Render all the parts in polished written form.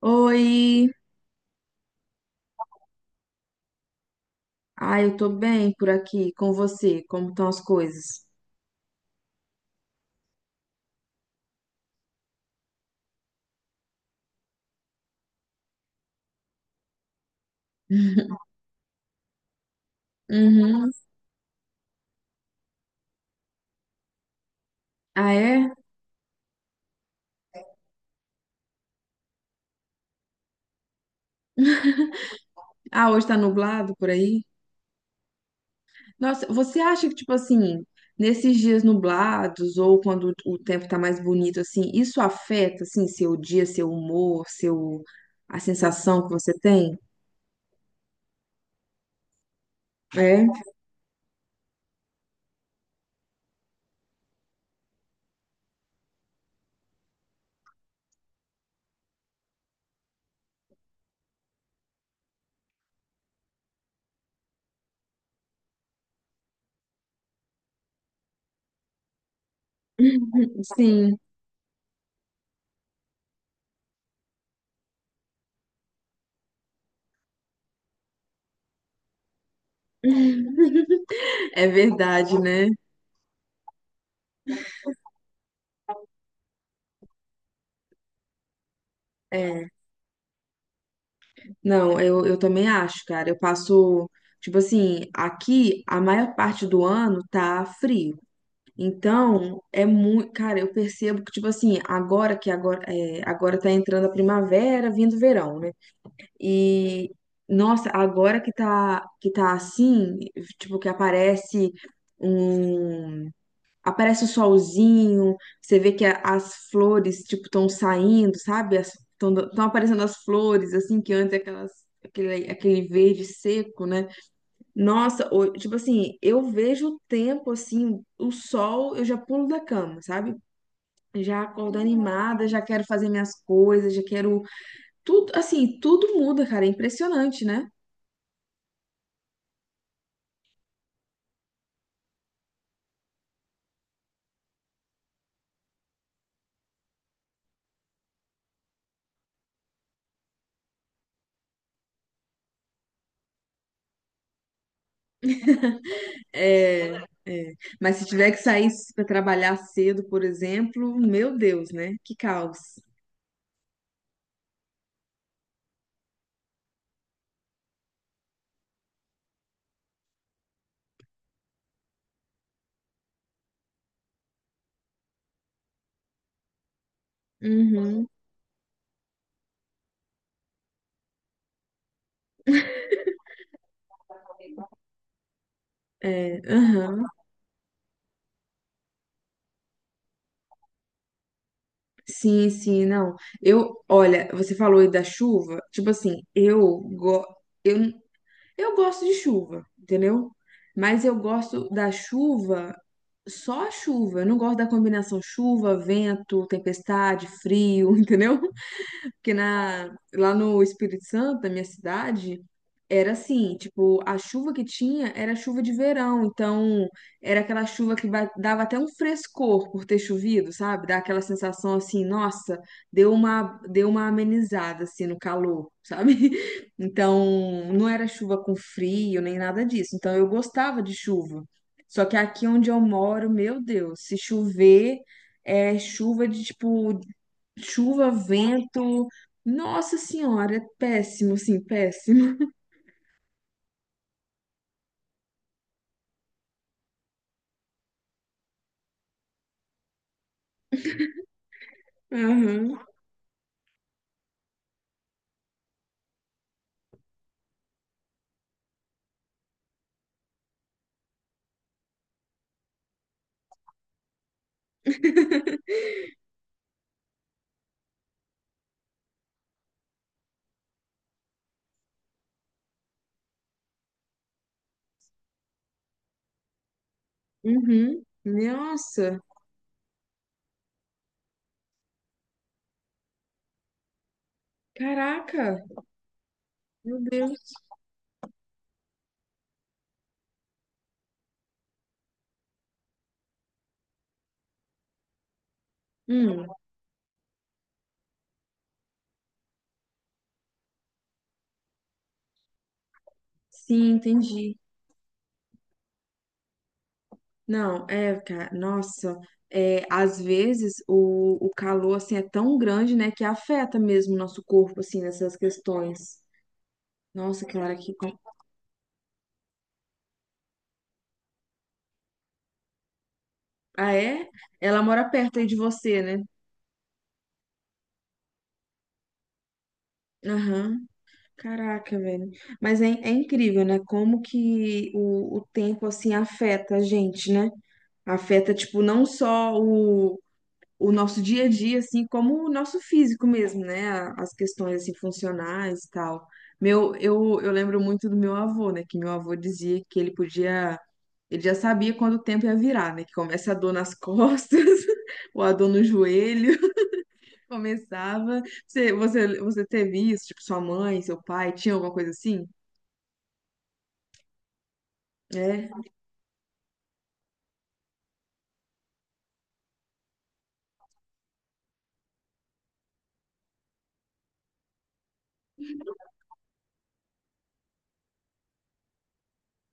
Oi! Ai, eu tô bem por aqui com você. Como estão as coisas? Uhum. Ah, é? Ah, hoje tá nublado por aí? Nossa, você acha que, tipo assim, nesses dias nublados ou quando o tempo tá mais bonito, assim, isso afeta, assim, seu dia, seu humor, seu... a sensação que você tem? É? Sim, é verdade, né? É. Não, eu também acho, cara. Tipo assim, aqui a maior parte do ano tá frio. Então, é muito, cara, eu percebo que, tipo assim, agora que agora, é, agora tá entrando a primavera, vindo o verão, né? E, nossa, agora que tá assim, tipo, que aparece um aparece o solzinho, você vê que as flores, tipo, estão saindo, sabe? Estão aparecendo as flores, assim, que antes é aquele verde seco, né? Nossa, tipo assim, eu vejo o tempo, assim, o sol, eu já pulo da cama, sabe? Já acordo animada, já quero fazer minhas coisas, já quero. Tudo, assim, tudo muda, cara. É impressionante, né? É, é. Mas se tiver que sair para trabalhar cedo, por exemplo, meu Deus, né? Que caos. Uhum, é, aham, sim, sim, não. Eu, olha, você falou aí da chuva, tipo assim, eu, eu gosto de chuva, entendeu? Mas eu gosto da chuva, só a chuva. Eu não gosto da combinação chuva, vento, tempestade, frio, entendeu? Lá no Espírito Santo, na minha cidade, era assim, tipo, a chuva que tinha era chuva de verão, então era aquela chuva que dava até um frescor por ter chovido, sabe? Dá aquela sensação assim, nossa, deu uma amenizada assim no calor, sabe? Então, não era chuva com frio nem nada disso. Então, eu gostava de chuva. Só que aqui onde eu moro, meu Deus, se chover, é chuva de chuva, vento. Nossa senhora, é péssimo, sim, péssimo. Aham, uhum. Nossa, caraca, meu Deus. Hum, sim, entendi. Não, é, cara, nossa, é, às vezes o calor, assim, é tão grande, né, que afeta mesmo o nosso corpo, assim, nessas questões. Nossa, que hora que... com- Ah, é? Ela mora perto aí de você, né? Aham, caraca, velho. Mas é, é incrível, né, como que o tempo, assim, afeta a gente, né? Afeta, tipo, não só o nosso dia a dia, assim, como o nosso físico mesmo, né? As questões, assim, funcionais e tal. Meu, eu lembro muito do meu avô, né? Que meu avô dizia que ele podia... Ele já sabia quando o tempo ia virar, né? Que começa a dor nas costas, ou a dor no joelho, começava. Você teve isso? Tipo, sua mãe, seu pai, tinha alguma coisa assim? É?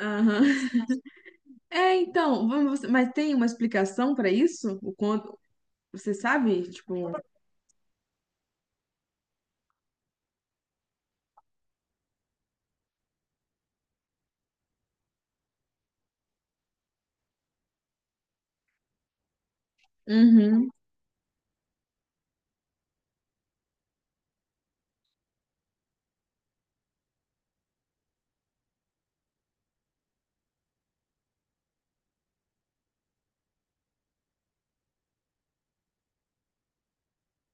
Aham. É, então, vamos, mas tem uma explicação para isso? O quanto, você sabe? Tipo, uhum,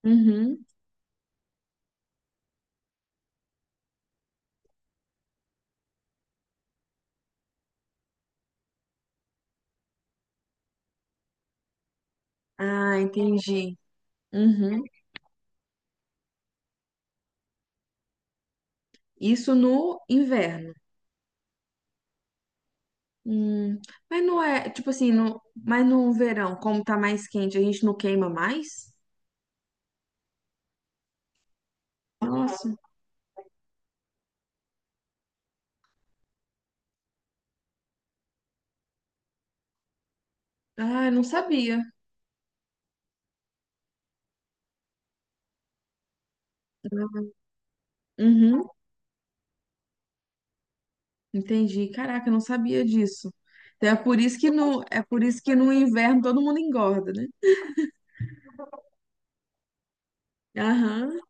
uhum. Ah, entendi. Uhum. Isso no inverno. Hum, Mas não é, tipo assim, mas no verão, como tá mais quente, a gente não queima mais? Nossa. Ah, eu não sabia. Uhum, entendi. Caraca, eu não sabia disso. Então é por isso que no, é por isso que no inverno todo mundo engorda, né? Aham,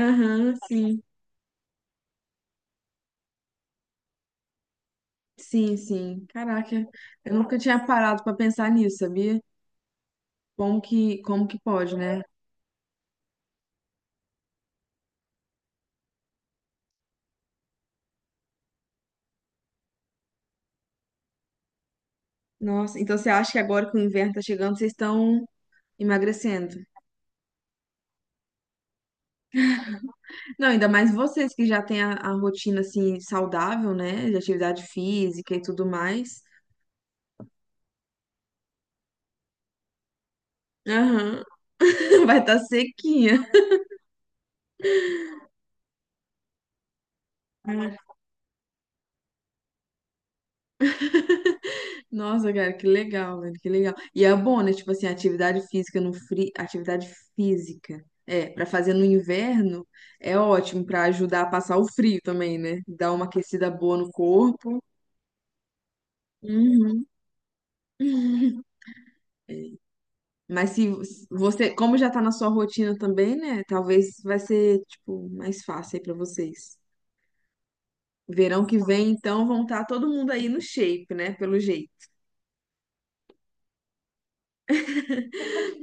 aham, sim. Sim, sim. Caraca, eu nunca tinha parado pra pensar nisso, sabia? Como que pode, né? Nossa, então você acha que agora que o inverno tá chegando, vocês estão emagrecendo? Não, ainda mais vocês que já têm a rotina assim saudável, né? De atividade física e tudo mais. Aham. Vai estar sequinha. Nossa, cara, que legal, velho, que legal. E é bom, né? Tipo assim, atividade física no frio, atividade física. É, pra fazer no inverno é ótimo pra ajudar a passar o frio também, né? Dar uma aquecida boa no corpo. Uhum. Mas se você, como já tá na sua rotina também, né? Talvez vai ser, tipo, mais fácil aí pra vocês. Verão que vem, então, vão estar todo mundo aí no shape, né? Pelo jeito.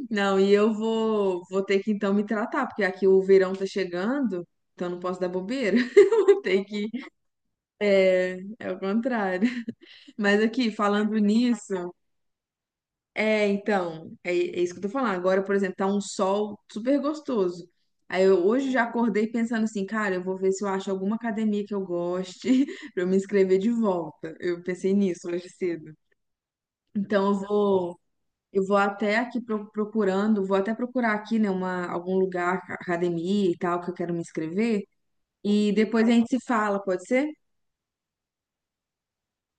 Não, e vou ter que então me tratar, porque aqui o verão tá chegando, então eu não posso dar bobeira. Vou ter que. É, é o contrário. Mas aqui, falando nisso. É, então, é, é isso que eu tô falando. Agora, por exemplo, tá um sol super gostoso. Aí eu hoje já acordei pensando assim, cara, eu vou ver se eu acho alguma academia que eu goste pra eu me inscrever de volta. Eu pensei nisso hoje cedo. Então eu vou até aqui procurando, vou até procurar aqui, né, uma, algum lugar, academia e tal, que eu quero me inscrever. E depois a gente se fala, pode ser?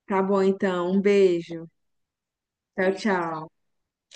Tá bom, então. Um beijo. Tchau, tchau.